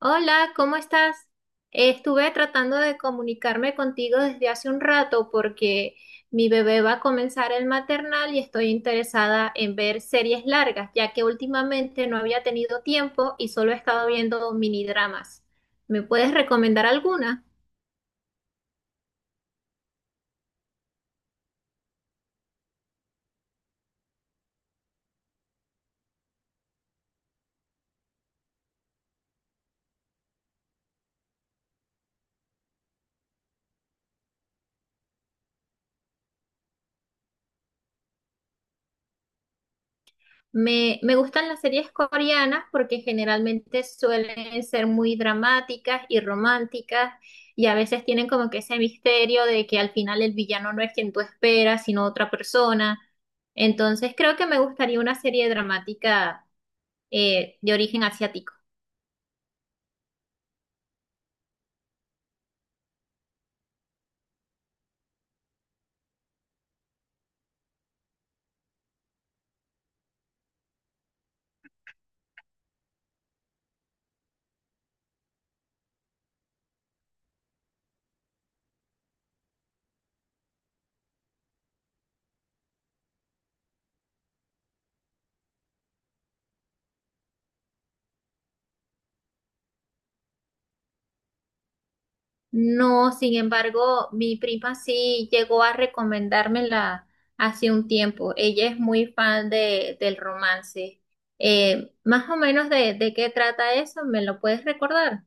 Hola, ¿cómo estás? Estuve tratando de comunicarme contigo desde hace un rato porque mi bebé va a comenzar el maternal y estoy interesada en ver series largas, ya que últimamente no había tenido tiempo y solo he estado viendo minidramas. ¿Me puedes recomendar alguna? Me gustan las series coreanas porque generalmente suelen ser muy dramáticas y románticas y a veces tienen como que ese misterio de que al final el villano no es quien tú esperas, sino otra persona. Entonces creo que me gustaría una serie dramática, de origen asiático. No, sin embargo, mi prima sí llegó a recomendármela hace un tiempo. Ella es muy fan del romance. Más o menos de qué trata eso, ¿me lo puedes recordar?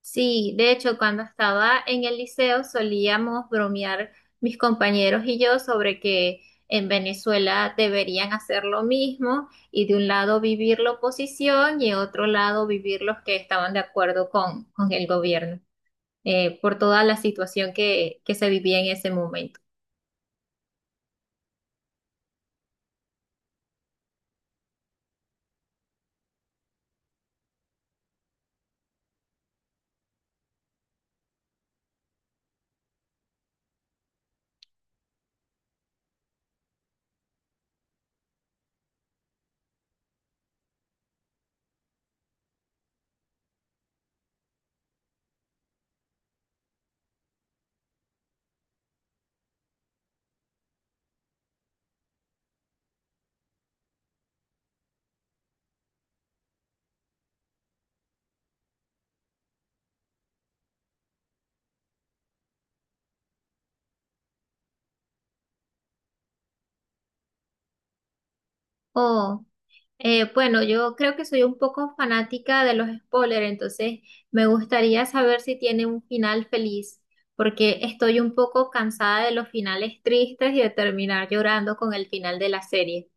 Sí, de hecho, cuando estaba en el liceo solíamos bromear mis compañeros y yo sobre que en Venezuela deberían hacer lo mismo y de un lado vivir la oposición y de otro lado vivir los que estaban de acuerdo con el gobierno. Por toda la situación que se vivía en ese momento. Oh, bueno, yo creo que soy un poco fanática de los spoilers, entonces me gustaría saber si tiene un final feliz, porque estoy un poco cansada de los finales tristes y de terminar llorando con el final de la serie.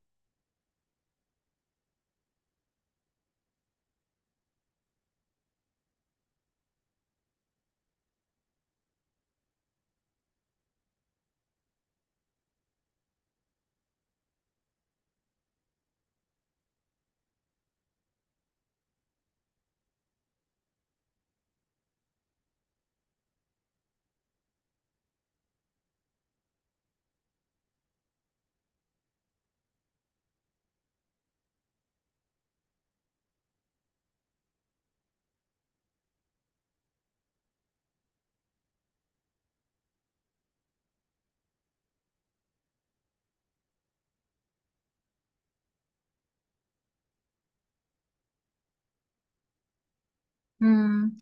Mm,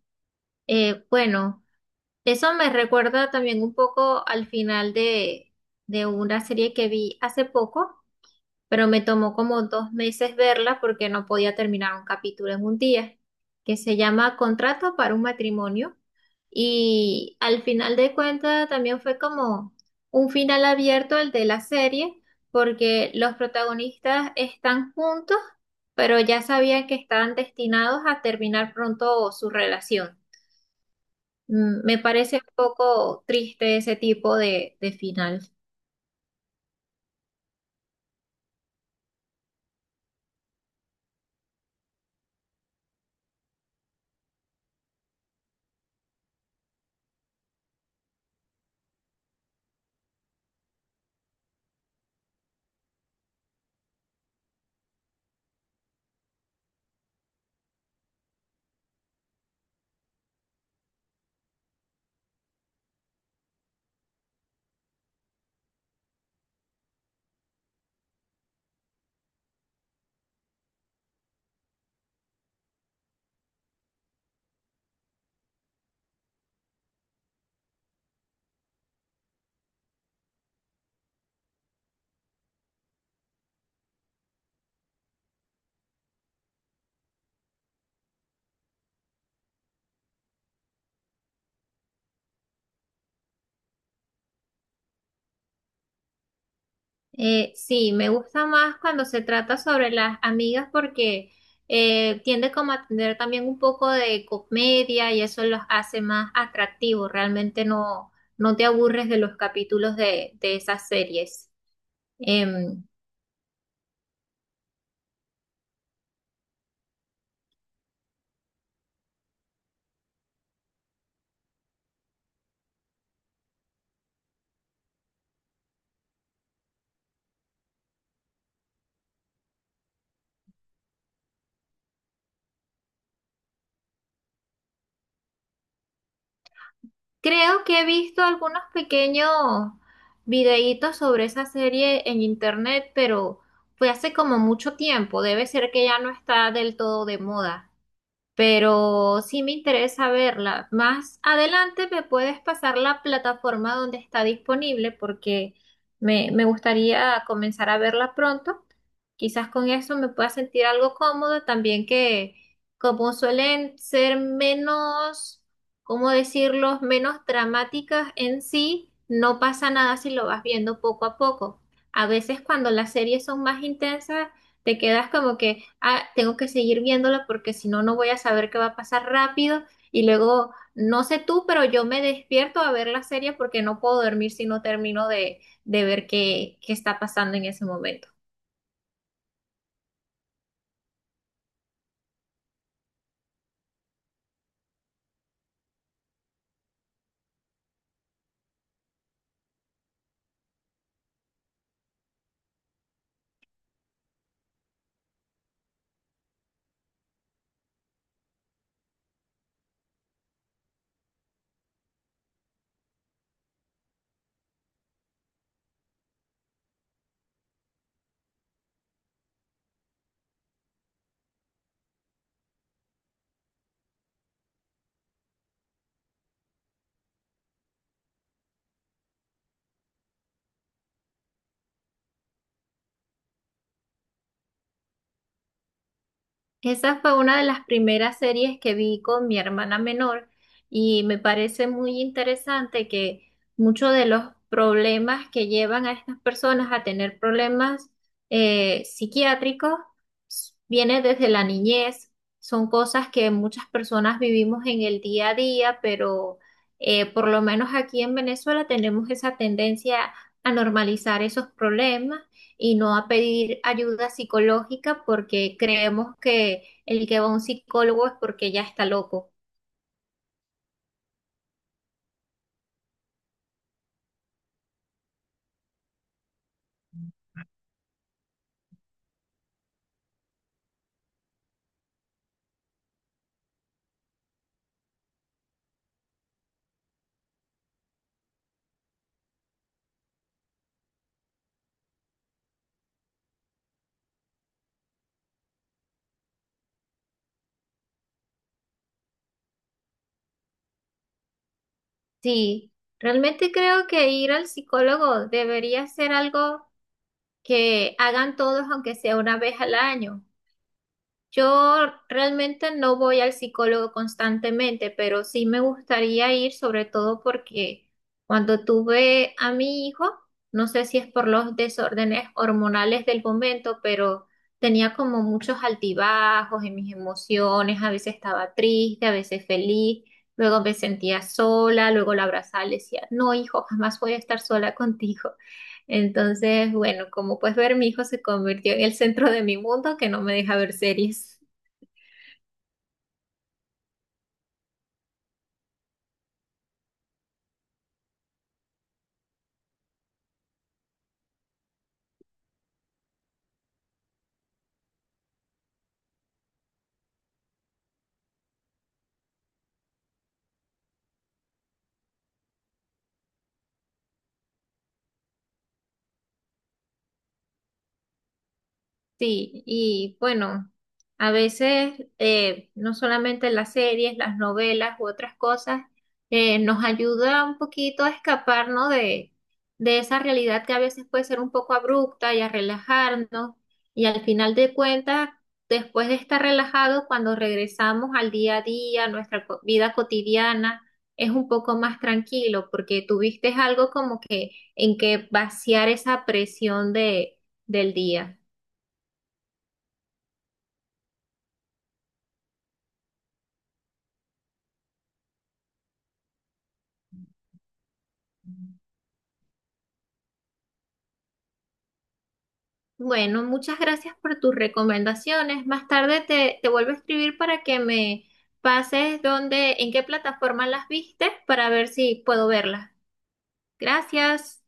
bueno, eso me recuerda también un poco al final de una serie que vi hace poco pero me tomó como dos meses verla porque no podía terminar un capítulo en un día, que se llama Contrato para un Matrimonio. Y al final de cuentas también fue como un final abierto el de la serie, porque los protagonistas están juntos, pero ya sabían que estaban destinados a terminar pronto su relación. Me parece un poco triste ese tipo de final. Sí, me gusta más cuando se trata sobre las amigas porque tiende como a tener también un poco de comedia y eso los hace más atractivos. Realmente no te aburres de los capítulos de esas series. Em, creo que he visto algunos pequeños videitos sobre esa serie en internet, pero fue hace como mucho tiempo. Debe ser que ya no está del todo de moda, pero sí me interesa verla. Más adelante me puedes pasar la plataforma donde está disponible porque me gustaría comenzar a verla pronto. Quizás con eso me pueda sentir algo cómodo también que como suelen ser ¿cómo decirlo?, menos dramáticas en sí, no pasa nada si lo vas viendo poco a poco. A veces cuando las series son más intensas, te quedas como que, ah, tengo que seguir viéndolo porque si no, no voy a saber qué va a pasar rápido. Y luego, no sé tú, pero yo me despierto a ver la serie porque no puedo dormir si no termino de ver qué está pasando en ese momento. Esa fue una de las primeras series que vi con mi hermana menor y me parece muy interesante que muchos de los problemas que llevan a estas personas a tener problemas psiquiátricos viene desde la niñez. Son cosas que muchas personas vivimos en el día a día, pero por lo menos aquí en Venezuela tenemos esa tendencia a normalizar esos problemas y no a pedir ayuda psicológica porque creemos que el que va a un psicólogo es porque ya está loco. Sí, realmente creo que ir al psicólogo debería ser algo que hagan todos, aunque sea una vez al año. Yo realmente no voy al psicólogo constantemente, pero sí me gustaría ir, sobre todo porque cuando tuve a mi hijo, no sé si es por los desórdenes hormonales del momento, pero tenía como muchos altibajos en mis emociones, a veces estaba triste, a veces feliz, luego me sentía sola, luego la abrazaba y le decía, no, hijo, jamás voy a estar sola contigo. Entonces, bueno, como puedes ver, mi hijo se convirtió en el centro de mi mundo que no me deja ver series. Sí, y bueno, a veces no solamente las series, las novelas u otras cosas nos ayuda un poquito a escaparnos de esa realidad que a veces puede ser un poco abrupta y a relajarnos. Y al final de cuentas, después de estar relajados, cuando regresamos al día a día, nuestra vida cotidiana, es un poco más tranquilo porque tuviste algo como que en que vaciar esa presión del día. Bueno, muchas gracias por tus recomendaciones. Más tarde te vuelvo a escribir para que me pases dónde, en qué plataforma las viste para ver si puedo verlas. Gracias.